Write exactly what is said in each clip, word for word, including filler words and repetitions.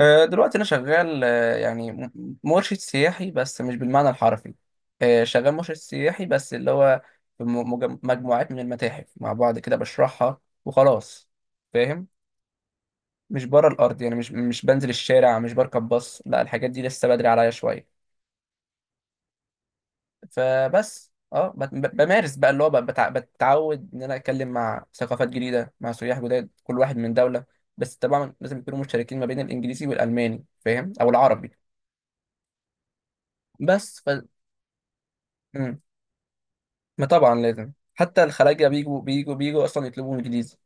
آه، دلوقتي أنا شغال آه، يعني م- مرشد سياحي بس مش بالمعنى الحرفي. آه، شغال مرشد سياحي بس اللي هو في م- مج- مجموعات من المتاحف مع بعض كده بشرحها وخلاص. فاهم. مش بره الأرض يعني مش مش بنزل الشارع مش بركب باص، لا الحاجات دي لسه بدري عليا شوية. فبس اه بت- ب- بمارس بقى اللي هو ب- بتع- بتعود إن أنا أتكلم مع ثقافات جديدة مع سياح جداد، كل واحد من دولة. بس طبعا لازم يكونوا مشتركين ما بين الإنجليزي والألماني، فاهم، أو العربي. بس ف... مم. ما طبعا لازم، حتى الخلاجة بيجوا بيجوا بيجوا أصلا يطلبوا إنجليزي.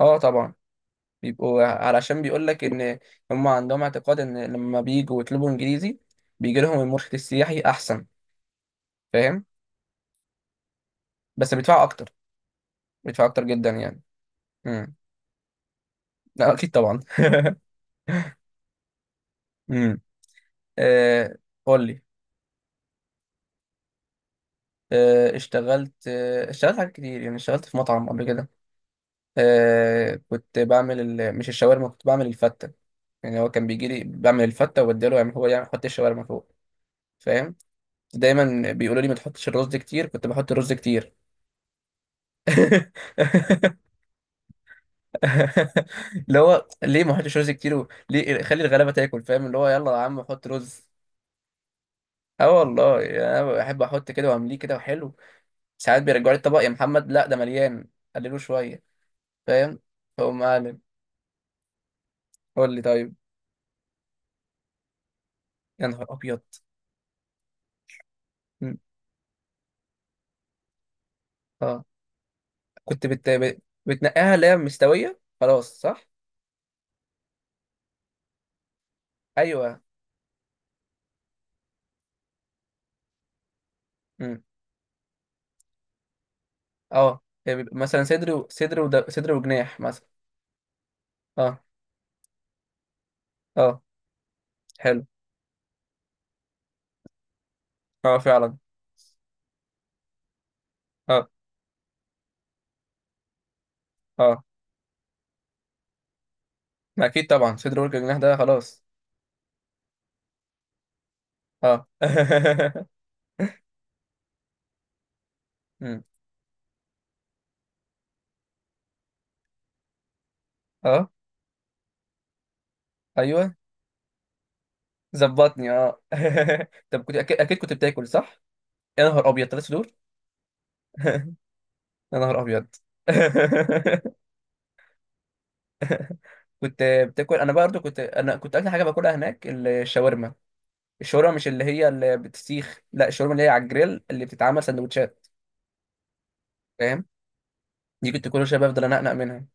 اه طبعا. بيبقوا علشان بيقول لك إن هم عندهم اعتقاد إن لما بيجوا يطلبوا إنجليزي بيجي لهم المرشد السياحي أحسن. فاهم. بس بيدفعوا أكتر. بيدفعوا أكتر جدا يعني. امم. لا أكيد طبعا. امم. آه. قول لي. آه اشتغلت آه اشتغلت حاجات كتير، يعني اشتغلت في مطعم قبل كده. آه كنت بعمل ال... مش الشاورما، كنت بعمل الفتة. يعني هو كان بيجي لي بعمل الفتة، وبديله يعمل، هو يعمل يحط الشاورما فوق. فاهم. دايما بيقولوا لي ما تحطش الرز كتير، كنت بحط الرز كتير. اللي هو ليه ما احطش رز كتير و... ليه خلي الغلابه تاكل، فاهم، اللي هو يلا يا عم حط رز. اه والله، يعني انا بحب احط كده وامليه كده وحلو. ساعات بيرجعوا لي الطبق، يا محمد لا ده مليان، قللوه شويه. فاهم. فقوم قالب. قول لي طيب. يا نهار ابيض. م. اه كنت بت... بت- بتنقيها، اللي هي مستويه خلاص، صح؟ ايوه. م. اه يعني بيبقى مثلا صدر و... صدر وده... صدر وجناح مثلا. اه. اه حلو اه فعلا. اه. اه ما اكيد طبعا صدر ورك الجناح ده خلاص. اه. أمم. اه. ايوه. ظبطني اه. طب كنت، اكيد اكيد كنت بتاكل، صح؟ يا نهار ابيض ثلاث صدور. يا نهار ابيض. كنت بتاكل، انا برضه كنت انا كنت اكتر حاجه باكلها هناك الشاورما. الشاورما مش اللي هي اللي بتسيخ، لا الشاورما اللي هي على الجريل اللي بتتعمل سندوتشات. فاهم. دي كنت كل شويه بفضل انقنق منها.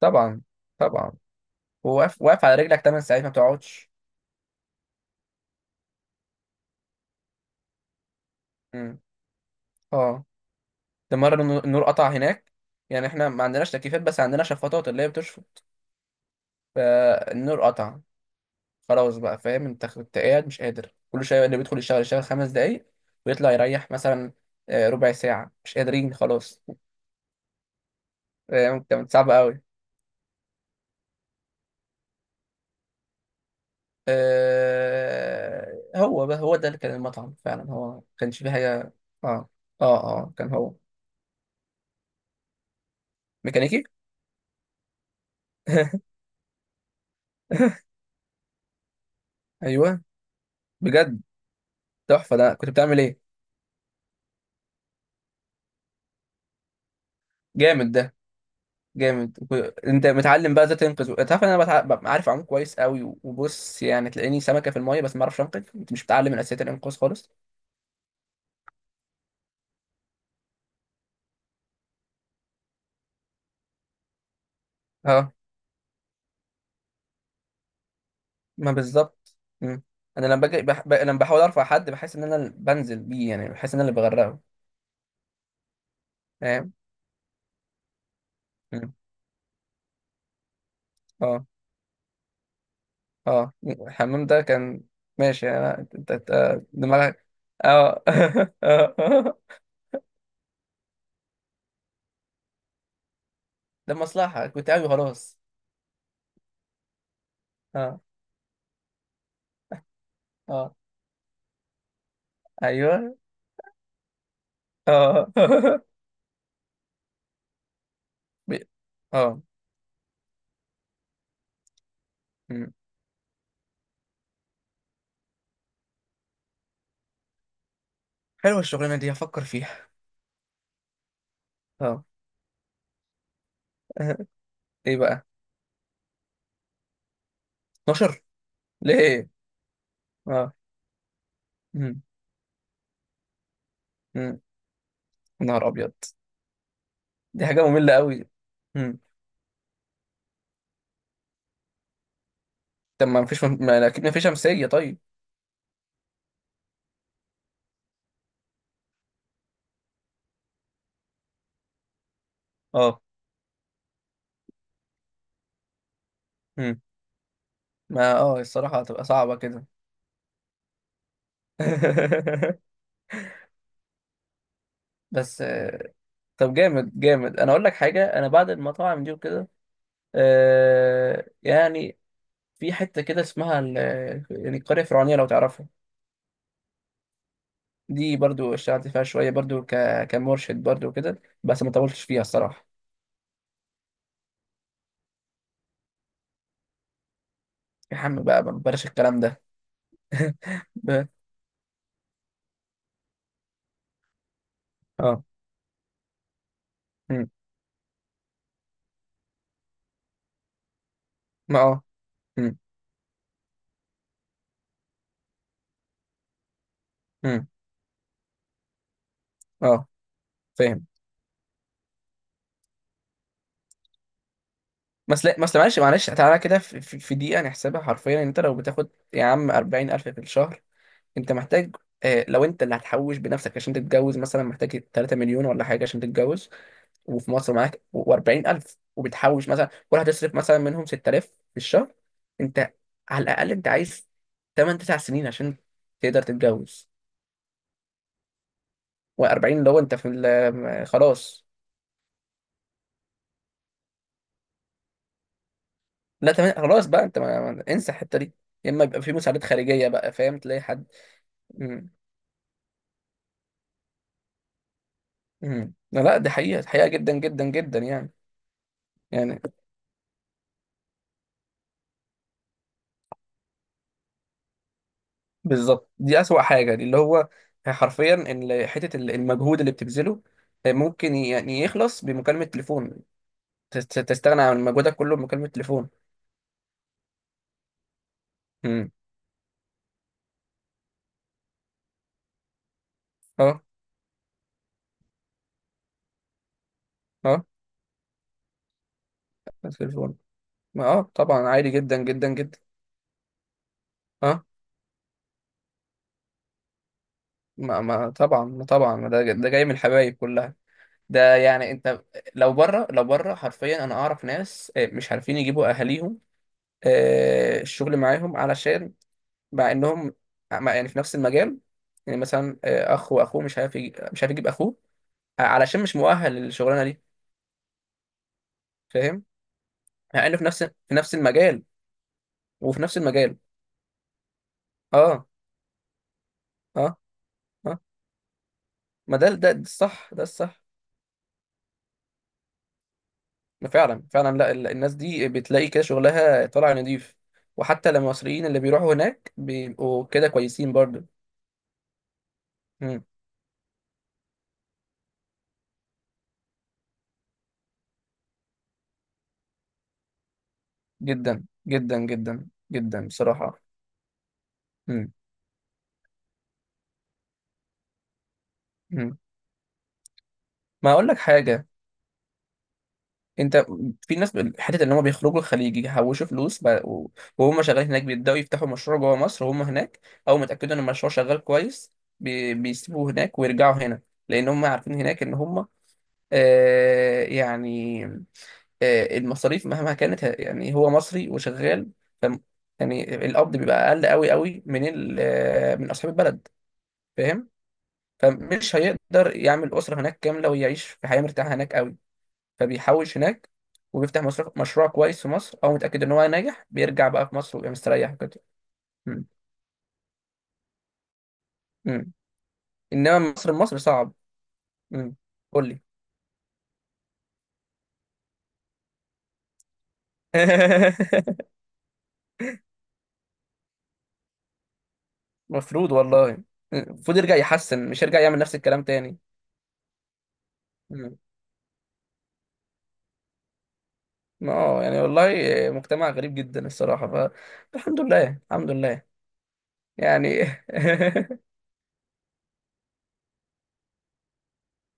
طبعا طبعا. واقف واقف على رجلك تمن ساعات ما بتقعدش. أمم. اه. ده مرة النو- النور قطع هناك. يعني احنا ما عندناش تكييفات بس عندنا شفاطات اللي هي بتشفط. فالنور قطع، خلاص بقى. فاهم انت كنت قاعد مش قادر، كل شوية اللي بيدخل يشتغل يشتغل خمس دقايق ويطلع يريح مثلا. آه، ربع ساعة مش قادرين خلاص. فاهم انت كانت صعبة قوي. آه، هو بقى، هو ده اللي كان المطعم فعلا، هو ما كانش فيه حاجة. اه، اه، اه، كان هو. ميكانيكي. ايوه بجد. تحفة، ده كنت بتعمل ايه؟ جامد ده. جامد وك- انت متعلم بقى ازاي تنقذ، و- تعرف ان انا بتع... ببقى عارف اعوم كويس قوي و- وبص يعني تلاقيني سمكه في الميه بس ما اعرفش انقذ، انت مش متعلم من اساسيات الانقاذ خالص. اه ما بالظبط. مم. انا لما باجي بح... ب... لما بحاول ارفع حد بحس ان انا اللي بنزل بيه، يعني بحس ان انا اللي بغرقه. فاهم. مم. اه اه الحمام ده كان. ماشي، يعني انا انت انت- آه، دماغك. اه. اه. ده مصلحه كنت قوي خلاص. اه. اه. ايوه. اه. بي- اه. حلوة الشغلانة دي، هفكر فيها. اه. آه، ايه بقى؟ اتناشر؟ ليه. اه. مم. مم. نهار ابيض. دي حاجة مملة قوي. مم. طب ما مفيش، ما اكيد مفيش شمسية طيب؟ اه. مم. ما اه الصراحة هتبقى صعبة كده. بس. آه، طب جامد جامد، انا اقول لك حاجة، انا بعد المطاعم دي وكده، آه يعني في حتة كده اسمها ال- يعني القرية الفرعونية لو تعرفها. دي برضو اشتغلت فيها شوية، برضو ك... كمرشد برضو كده، بس ما طولتش فيها الصراحة. يا عم بقى ما بلاش الكلام ده. ب... اه. مم. ما اه مم. مم. اه فاهم. بس لا بس معلش معلش تعالى كده، في, في في دقيقة نحسبها حرفيا، يعني انت لو بتاخد يا عم اربعين الف في الشهر، انت محتاج. آه لو انت اللي هتحوش بنفسك عشان تتجوز مثلا محتاج ثلاثة مليون ولا حاجة عشان تتجوز. وفي مصر معاك و40000، وبتحوش مثلا، كل هتصرف مثلا منهم ستة آلاف في الشهر. انت، على الأقل انت عايز ثماني تسع سنين عشان تقدر تتجوز. و40 لو انت في ال- آه، خلاص. لا تمام خلاص بقى، انت ما... ما- انسى الحته دي. يا اما يبقى في مساعدات خارجيه بقى، فاهم، تلاقي حد. امم. امم. لا لا، دي حقيقه حقيقه جدا جدا جدا يعني. يعني. بالظبط دي اسوأ حاجه، دي اللي هو حرفيا ان حته ال- المجهود اللي بتبذله ممكن يعني يخلص بمكالمه تليفون. تست- تستغنى عن مجهودك كله بمكالمه تليفون. امم. اه اه التليفون. ما اه طبعا عادي جدا جدا جدا. اه. ما ما طبعا ما طبعا ما ده ده جاي من الحبايب كلها. ده يعني انت لو بره لو بره حرفيا انا اعرف ناس، آه، مش عارفين يجيبوا اهاليهم آه، الشغل معاهم، علشان مع انهم مع- يعني في نفس المجال. يعني مثلا آه، اخ واخوه مش عارف يجي- مش عارف يجيب اخوه، آه، علشان مش مؤهل للشغلانه دي. فاهم. مع انه في نفس في نفس المجال. وفي نفس المجال. اه. اه. اه. ما ده ده ده الصح، ده الصح. ما فعلا فعلا، لا ال- الناس دي بتلاقي كده شغلها طالع نضيف. وحتى المصريين اللي بيروحوا هناك بيبقوا كده كويسين برضه. جدا جدا جدا جدا بصراحة. مم. مم. ما اقول لك حاجة. انت، في ناس، حتة ان هم بيخرجوا الخليج يحوشوا فلوس بقى- و- وهم شغالين هناك بيبدأوا يفتحوا مشروع جوه مصر وهم هناك. اول ما يتأكدوا ان المشروع شغال كويس بي- بيسيبوه هناك ويرجعوا هنا. لان هم عارفين هناك ان هم آه يعني، آه المصاريف مهما كانت ه- يعني هو مصري وشغال، ف، يعني القبض بيبقى اقل قوي قوي من ال- آه، من اصحاب البلد. فاهم. فمش هيقدر يعمل أسرة هناك كاملة ويعيش في حياة مرتاحة هناك قوي. فبيحوش هناك، وبيفتح مشروع مشروع كويس في مصر، هو متأكد إن هو ناجح، بيرجع بقى في مصر ويبقى مستريح كده. مم. مم. إنما مصر مصر صعب. مم. قول لي. مفروض والله. مم. المفروض يرجع يحسن، مش يرجع يعمل نفس الكلام تاني. مم. ما اه يعني والله، مجتمع غريب جدا الصراحة. فالحمد لله الحمد لله. يعني.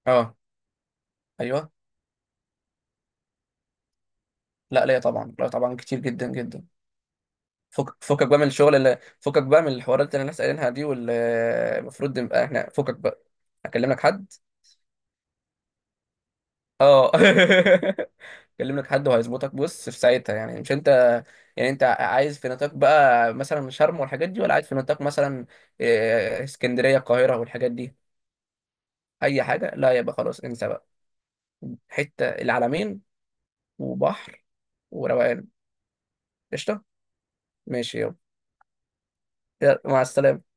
اه ايوه. لا ليا طبعا، لا طبعا كتير جدا جدا. فك فكك بقى من الشغل، اللي فكك بقى من الحوارات اللي الناس قايلينها دي، واللي المفروض نبقى احنا، فكك بقى. هكلم لك حد. اه. هكلم لك حد وهيظبطك، بص في ساعتها، يعني مش انت. يعني انت عايز في نطاق بقى مثلا شرم والحاجات دي، ولا عايز في نطاق مثلا إيه، اسكندرية القاهرة والحاجات دي؟ اي حاجة، لا يبقى خلاص انسى بقى. حتة العلمين وبحر وروقان. قشطة. ماشي يلا. يلا، مع السلامة.